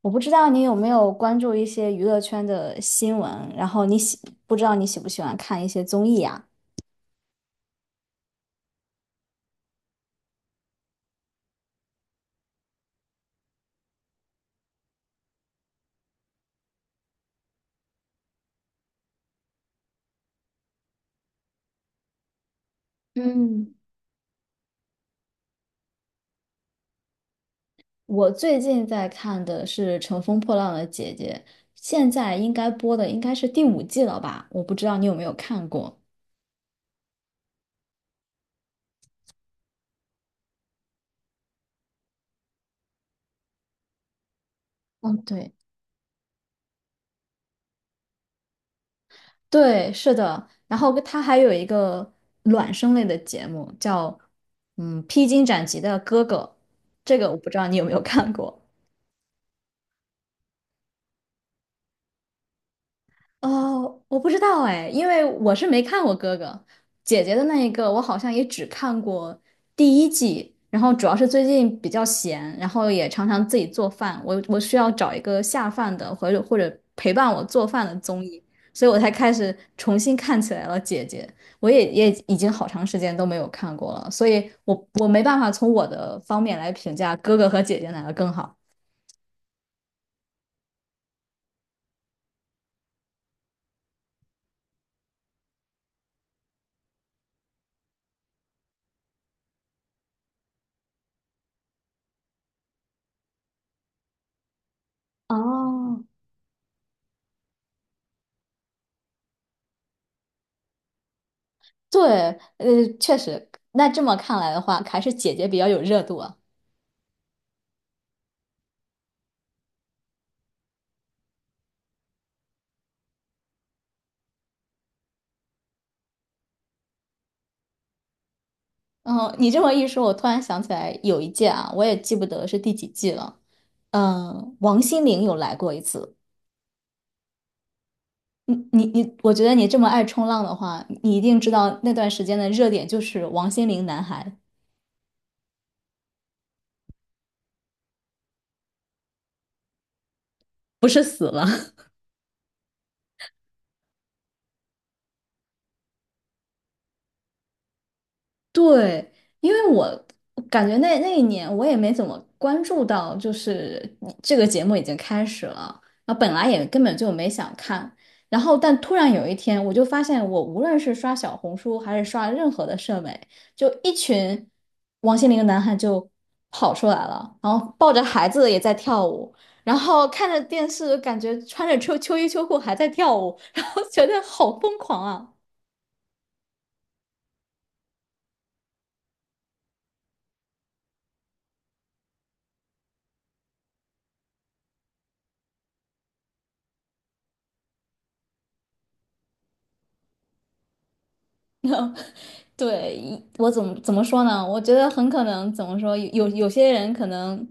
我不知道你有没有关注一些娱乐圈的新闻，然后不知道你喜不喜欢看一些综艺啊？嗯，我最近在看的是《乘风破浪的姐姐》，现在应该播的应该是第五季了吧？我不知道你有没有看过。嗯，对，对，是的。然后它还有一个卵生类的节目，叫《披荆斩棘的哥哥》，这个我不知道你有没有看过。哦，我不知道哎，因为我是没看过哥哥姐姐的那一个，我好像也只看过第一季，然后主要是最近比较闲，然后也常常自己做饭，我需要找一个下饭的或者陪伴我做饭的综艺，所以我才开始重新看起来了姐姐，我也已经好长时间都没有看过了，所以我没办法从我的方面来评价哥哥和姐姐哪个更好。哦，对，确实，那这么看来的话，还是姐姐比较有热度啊。嗯，你这么一说，我突然想起来有一届啊，我也记不得是第几季了。嗯，王心凌有来过一次。你，我觉得你这么爱冲浪的话，你一定知道那段时间的热点就是王心凌男孩，不是死了。对，因为我感觉那一年我也没怎么关注到，就是这个节目已经开始了，然后本来也根本就没想看，然后但突然有一天，我就发现我无论是刷小红书还是刷任何的社媒，就一群王心凌的男孩就跑出来了，然后抱着孩子也在跳舞，然后看着电视，感觉穿着秋秋衣秋裤还在跳舞，然后觉得好疯狂啊！对，我怎么说呢？我觉得很可能怎么说，有些人可能，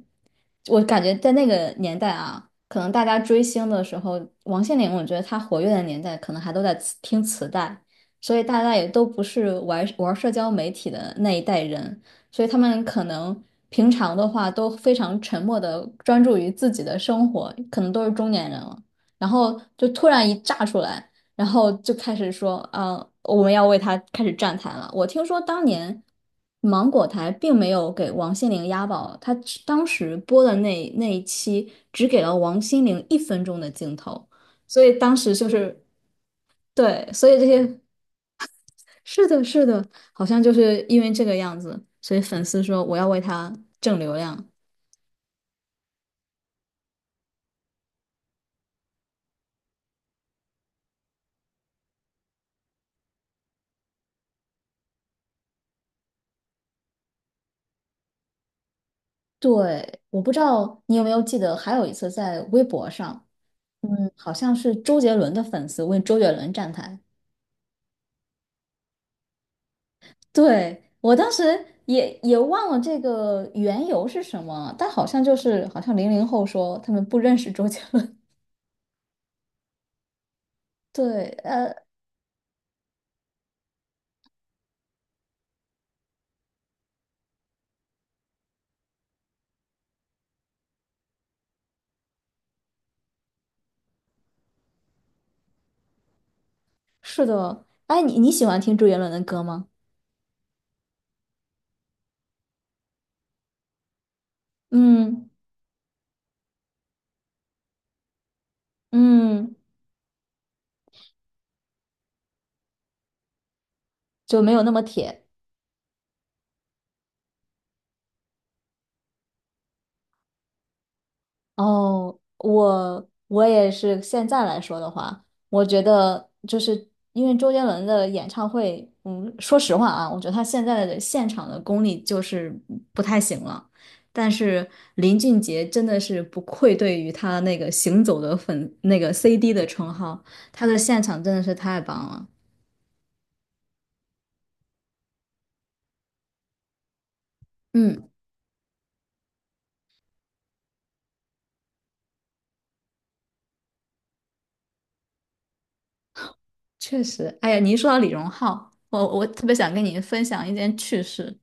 我感觉在那个年代啊，可能大家追星的时候，王心凌，我觉得她活跃的年代，可能还都在磁听磁带，所以大家也都不是玩社交媒体的那一代人，所以他们可能平常的话都非常沉默的专注于自己的生活，可能都是中年人了，然后就突然一炸出来。然后就开始说啊，我们要为他开始站台了。我听说当年芒果台并没有给王心凌压宝，他只当时播的那一期只给了王心凌一分钟的镜头，所以当时就是对，所以这些是的，是的，好像就是因为这个样子，所以粉丝说我要为他挣流量。对，我不知道你有没有记得，还有一次在微博上，嗯，好像是周杰伦的粉丝为周杰伦站台。对，我当时也忘了这个缘由是什么，但好像就是好像零零后说他们不认识周杰伦。对，是的。哎，你喜欢听周杰伦的歌吗？嗯嗯，就没有那么铁。哦，我也是。现在来说的话，我觉得就是因为周杰伦的演唱会，嗯，说实话啊，我觉得他现在的现场的功力就是不太行了。但是林俊杰真的是不愧对于他那个行走的粉那个 CD 的称号，他的现场真的是太棒了。嗯，确实。哎呀，你一说到李荣浩，我特别想跟你分享一件趣事。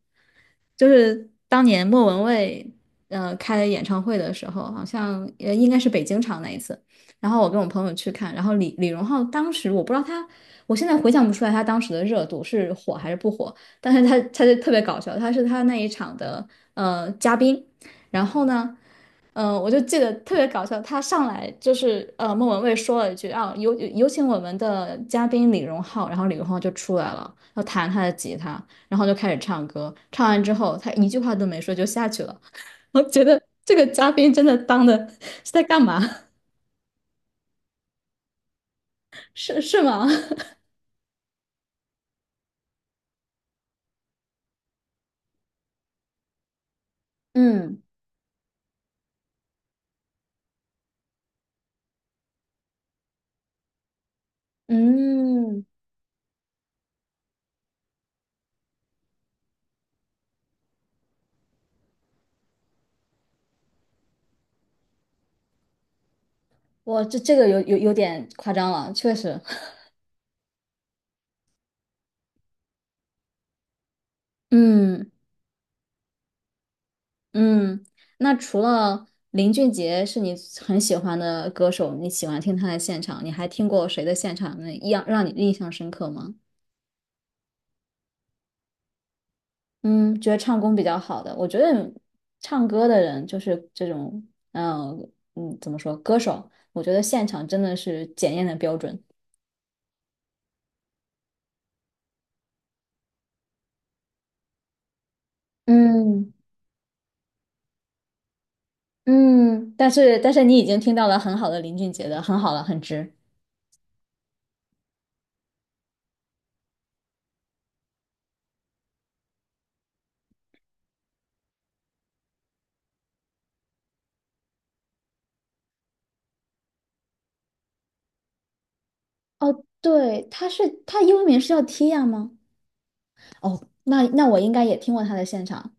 就是当年莫文蔚开演唱会的时候，好像应该是北京场那一次，然后我跟我朋友去看，然后李荣浩当时我不知道他，我现在回想不出来他当时的热度是火还是不火，但是他就特别搞笑，他是他那一场的嘉宾，然后呢。嗯，我就记得特别搞笑，他上来就是莫文蔚说了一句啊，有请我们的嘉宾李荣浩，然后李荣浩就出来了，要弹他的吉他，然后就开始唱歌，唱完之后他一句话都没说就下去了，我觉得这个嘉宾真的当的是在干嘛？是是吗？嗯嗯，我这个有点夸张了，确实，嗯。嗯，那除了林俊杰是你很喜欢的歌手，你喜欢听他的现场，你还听过谁的现场那一样让你印象深刻吗？嗯，觉得唱功比较好的，我觉得唱歌的人就是这种，嗯嗯，怎么说，歌手，我觉得现场真的是检验的标准。嗯嗯，但是你已经听到了很好的林俊杰的，很好了，很值。哦，对，他英文名是叫 Tia 吗？哦，那那我应该也听过他的现场。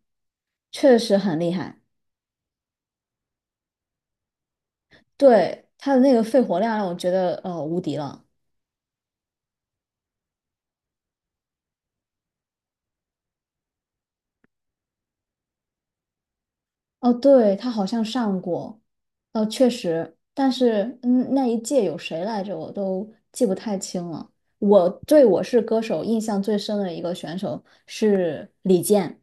确实很厉害，对，他的那个肺活量让我觉得无敌了。哦，对，他好像上过，哦，确实，但是嗯，那一届有谁来着，我都记不太清了。我对《我是歌手》印象最深的一个选手是李健，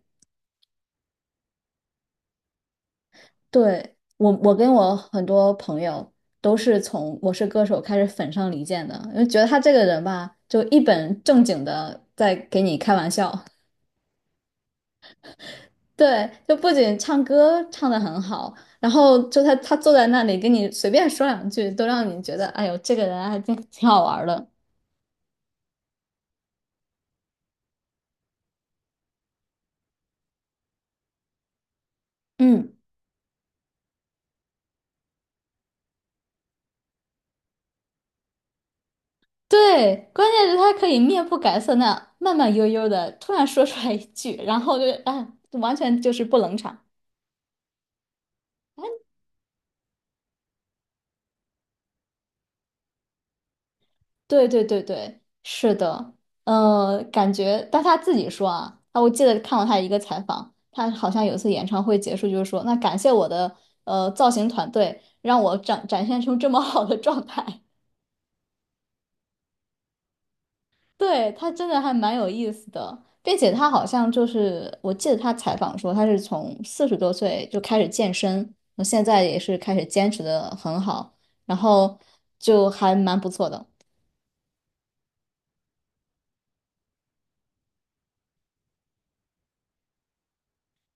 对，我跟我很多朋友都是从《我是歌手》开始粉上李健的，因为觉得他这个人吧，就一本正经的在给你开玩笑。对，就不仅唱歌唱的很好，然后就他坐在那里跟你随便说两句，都让你觉得哎呦，这个人还真挺好玩儿的。嗯，对，关键是他可以面不改色那慢慢悠悠的突然说出来一句，然后就哎，完全就是不冷场。对,是的，感觉，但他自己说啊，啊，我记得看过他一个采访，他好像有一次演唱会结束就是说，那感谢我的造型团队，让我展现出这么好的状态。对，他真的还蛮有意思的，并且他好像就是，我记得他采访说他是从四十多岁就开始健身，那现在也是开始坚持的很好，然后就还蛮不错的。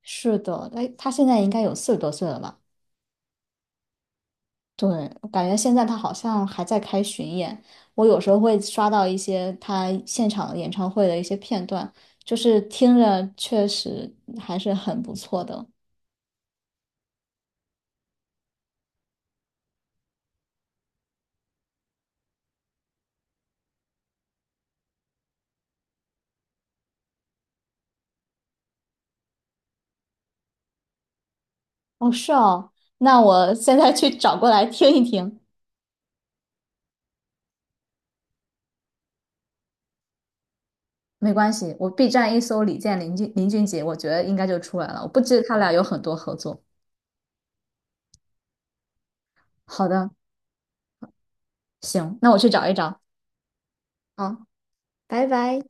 是的，哎，他现在应该有四十多岁了吧？对，我感觉现在他好像还在开巡演，我有时候会刷到一些他现场演唱会的一些片段，就是听着确实还是很不错的。哦，是哦，那我现在去找过来听一听。没关系，我 B 站一搜李健、林俊、林俊杰，我觉得应该就出来了。我不知他俩有很多合作。好的，行，那我去找一找。好，拜拜。